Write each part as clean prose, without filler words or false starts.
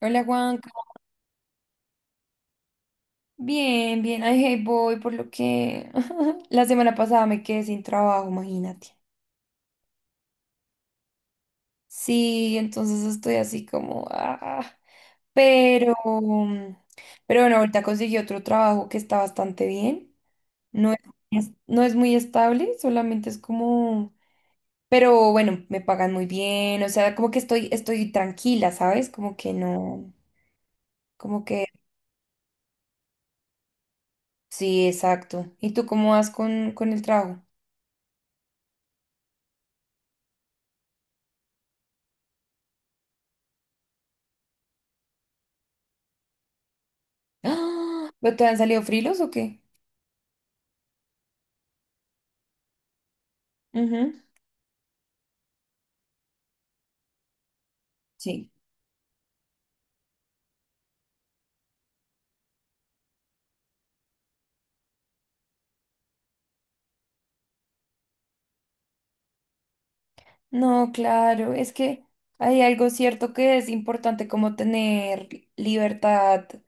Hola Juanca, bien, bien, ay, hey, voy por lo que la semana pasada me quedé sin trabajo, imagínate. Sí, entonces estoy así como, pero, mm, pero bueno, ahorita conseguí otro trabajo que está bastante bien. No es, no es muy estable, solamente es como, pero bueno, me pagan muy bien, o sea, como que estoy tranquila, ¿sabes? Como que no, como que, sí, exacto. ¿Y tú cómo vas con el trabajo? ¡Ah! ¿Pero te han salido frilos o qué? Ujú. Sí. No, claro, es que hay algo cierto que es importante como tener libertad, o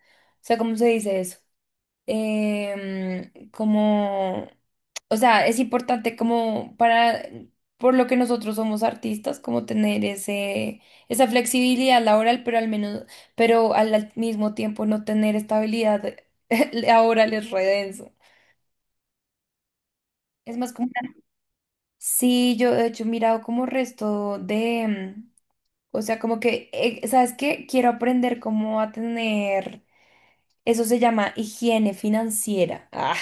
sea, ¿cómo se dice eso? Como, o sea, es importante como para, por lo que nosotros somos artistas, como tener esa flexibilidad laboral, pero al mismo tiempo no tener estabilidad laboral es re denso. Es más como. Sí, yo de hecho he mirado como resto de, o sea, como que, ¿sabes qué? Quiero aprender cómo a tener, eso se llama higiene financiera.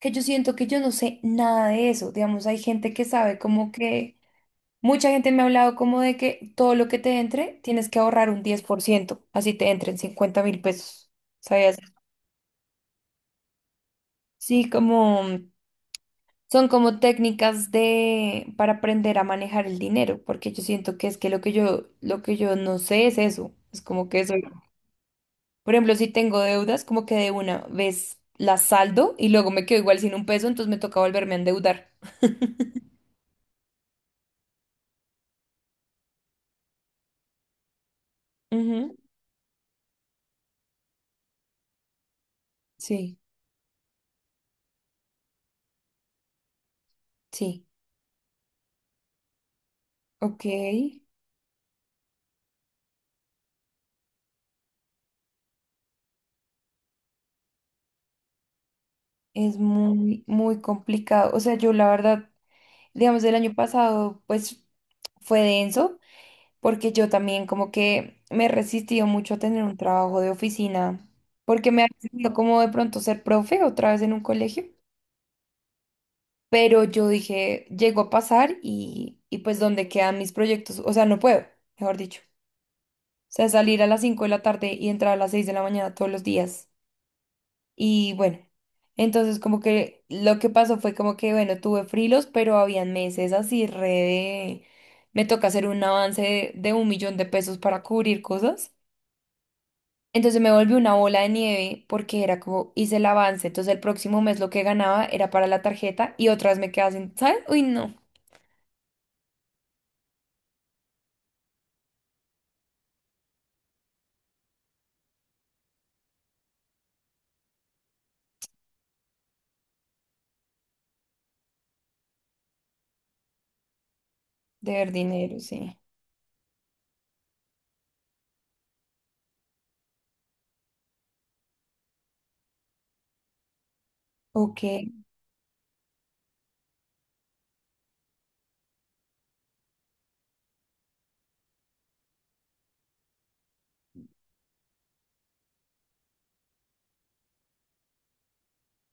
Que yo siento que yo no sé nada de eso. Digamos, hay gente que sabe como que, mucha gente me ha hablado como de que todo lo que te entre, tienes que ahorrar un 10%, así te entren 50.000 pesos. ¿Sabías? Sí, como. Son como técnicas de para aprender a manejar el dinero, porque yo siento que es que lo que yo no sé es eso. Es como que soy, por ejemplo, si tengo deudas, como que de una vez las saldo y luego me quedo igual sin un peso, entonces me toca volverme a endeudar. Ujú. Sí, sí, ok. Es muy, muy complicado. O sea, yo la verdad, digamos, el año pasado, pues fue denso porque yo también como que me he resistido mucho a tener un trabajo de oficina, porque me ha resistido como de pronto ser profe otra vez en un colegio, pero yo dije, llegó a pasar y pues dónde quedan mis proyectos, o sea, no puedo, mejor dicho. O sea, salir a las 5 de la tarde y entrar a las 6 de la mañana todos los días. Y bueno, entonces como que lo que pasó fue como que, bueno, tuve frilos, pero habían meses así re Me toca hacer un avance de 1 millón de pesos para cubrir cosas. Entonces me volvió una bola de nieve porque era como hice el avance. Entonces el próximo mes lo que ganaba era para la tarjeta y otras me quedaba sin, ¿sabes? Uy, no, de ver dinero, sí. Ok,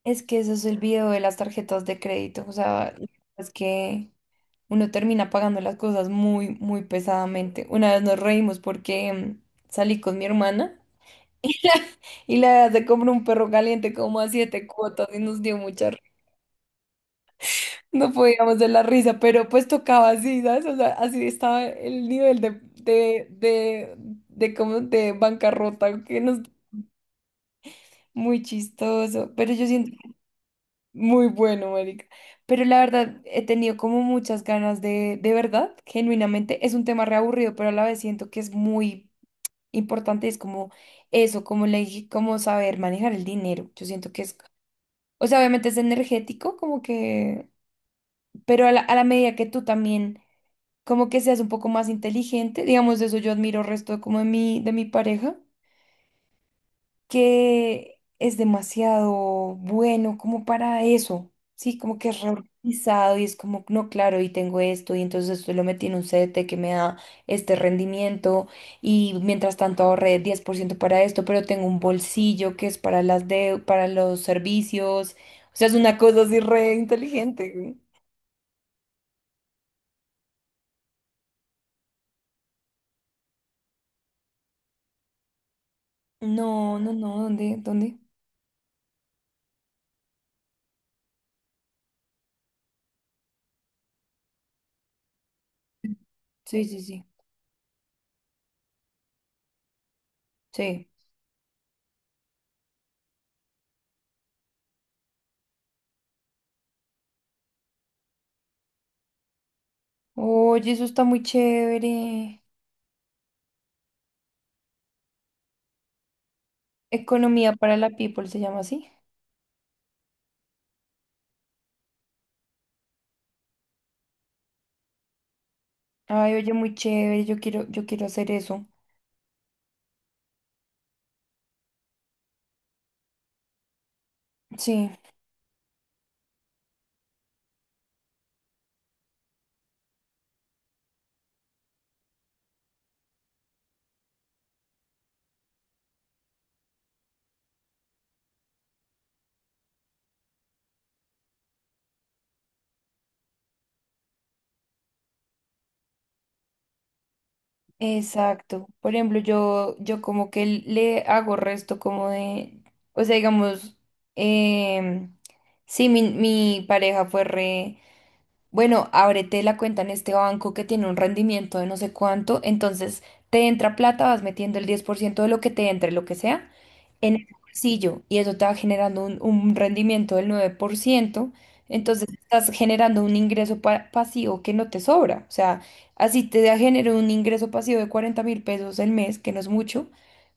es que eso es el video de las tarjetas de crédito. O sea, es que uno termina pagando las cosas muy, muy pesadamente. Una vez nos reímos porque salí con mi hermana y la verdad se compró un perro caliente como a 7 cuotas y nos dio mucha. No podíamos de la risa, pero pues tocaba así, ¿sabes? O sea, así estaba el nivel de como de bancarrota, que nos. Muy chistoso, pero yo siento que muy bueno, marica. Pero la verdad, he tenido como muchas ganas de verdad, genuinamente, es un tema reaburrido, pero a la vez siento que es muy importante, es como eso, como le dije, como saber manejar el dinero. Yo siento que es, o sea, obviamente es energético, como que, pero a la medida que tú también como que seas un poco más inteligente, digamos, eso yo admiro resto de como de de mi pareja, que es demasiado bueno como para eso, sí, como que es reorganizado y es como, no, claro, y tengo esto, y entonces esto lo metí en un CDT que me da este rendimiento, y mientras tanto ahorré 10% para esto, pero tengo un bolsillo que es para las de, para los servicios, o sea, es una cosa así re inteligente. No, no, no, ¿dónde? ¿Dónde? Sí, sí, sí, sí. Oye, eso está muy chévere. Economía para la people se llama así. Ay, oye, muy chévere. Yo quiero hacer eso. Sí, exacto. Por ejemplo, yo como que le hago resto como de, o sea, digamos, em, sí, mi pareja fue re. Bueno, ábrete la cuenta en este banco que tiene un rendimiento de no sé cuánto, entonces te entra plata, vas metiendo el 10% de lo que te entre, lo que sea, en el bolsillo y eso te va generando un rendimiento del 9%, entonces estás generando un ingreso pasivo que no te sobra, o sea, así te da genera un ingreso pasivo de 40.000 pesos el mes, que no es mucho,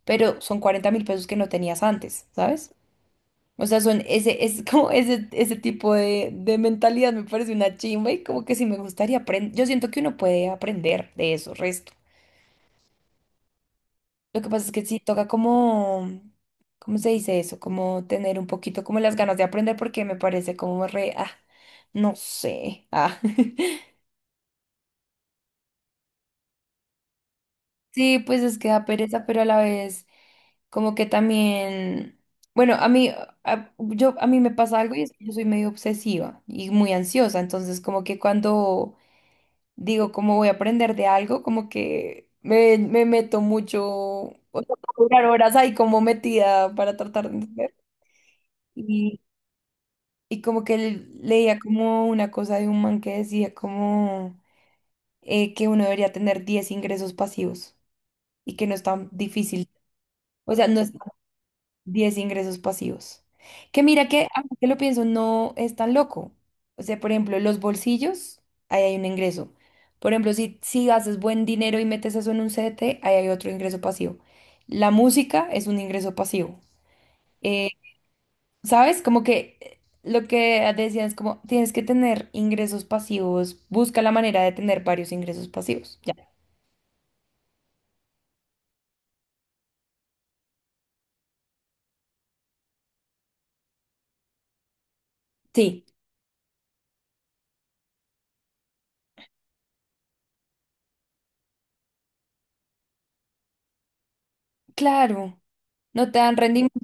pero son 40.000 pesos que no tenías antes, ¿sabes? O sea, son ese, es como ese tipo de mentalidad me parece una chimba y como que sí me gustaría aprender. Yo siento que uno puede aprender de eso, resto. Lo que pasa es que sí toca como, ¿cómo se dice eso? Como tener un poquito como las ganas de aprender porque me parece como re, no sé, ah. Sí, pues es que da pereza, pero a la vez como que también, bueno, a mí me pasa algo y es que yo soy medio obsesiva y muy ansiosa, entonces como que cuando digo, como voy a aprender de algo, como que me meto mucho, o sea, puedo durar horas ahí como metida para tratar de entender. Y, y como que leía como una cosa de un man que decía como que uno debería tener 10 ingresos pasivos y que no es tan difícil. O sea, no es, 10 ingresos pasivos. Que mira que, ahora que lo pienso, no es tan loco. O sea, por ejemplo, los bolsillos, ahí hay un ingreso. Por ejemplo, si haces buen dinero y metes eso en un CDT, ahí hay otro ingreso pasivo. La música es un ingreso pasivo. Eh, ¿Sabes? Como que lo que decían es como tienes que tener ingresos pasivos, busca la manera de tener varios ingresos pasivos. Ya. Sí, claro. No te dan rendimiento.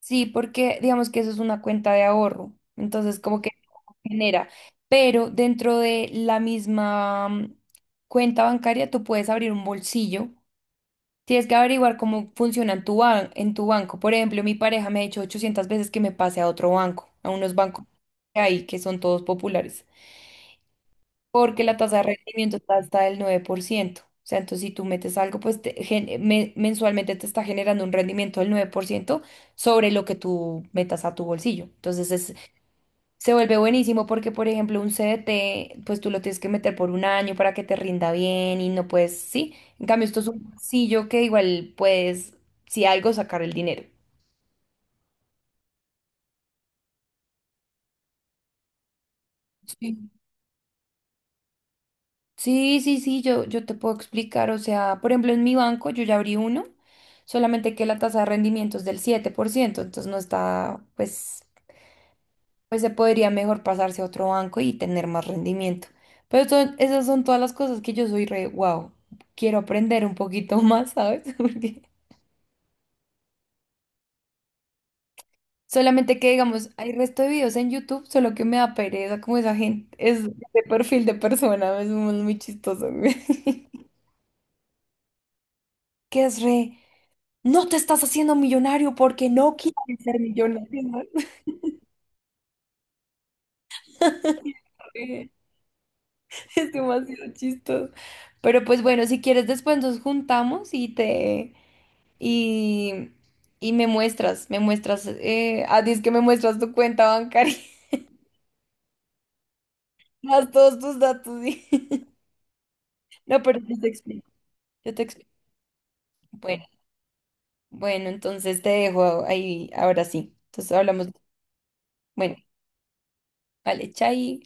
Sí, porque digamos que eso es una cuenta de ahorro, entonces como que genera, pero dentro de la misma cuenta bancaria tú puedes abrir un bolsillo, tienes que averiguar cómo funciona en tu, en tu banco. Por ejemplo, mi pareja me ha dicho 800 veces que me pase a otro banco, a unos bancos que hay que son todos populares porque la tasa de rendimiento está hasta el 9%. O sea, entonces si tú metes algo, pues te mensualmente te está generando un rendimiento del 9% sobre lo que tú metas a tu bolsillo. Entonces se vuelve buenísimo porque, por ejemplo, un CDT, pues tú lo tienes que meter por un año para que te rinda bien y no puedes, sí. En cambio, esto es un bolsillo que igual puedes, si algo, sacar el dinero. Sí. Sí, sí, sí, yo te puedo explicar. O sea, por ejemplo, en mi banco yo ya abrí uno, solamente que la tasa de rendimiento es del 7%. Entonces no está, pues, pues se podría mejor pasarse a otro banco y tener más rendimiento. Pero esas son todas las cosas que yo soy re, wow, quiero aprender un poquito más, ¿sabes? Porque solamente que, digamos, hay resto de videos en YouTube, solo que me da pereza como esa gente, es de perfil de persona, es muy muy chistoso, que es re. No te estás haciendo millonario porque no quieres ser millonario, ¿no? Sí, es demasiado chistoso. Pero pues bueno, si quieres después nos juntamos y te y, y me muestras, dices que me muestras tu cuenta bancaria, más todos tus datos. Sí. No, pero yo te explico, yo te explico. Bueno, bueno, entonces te dejo ahí, ahora sí. Entonces hablamos. Bueno, vale, chai.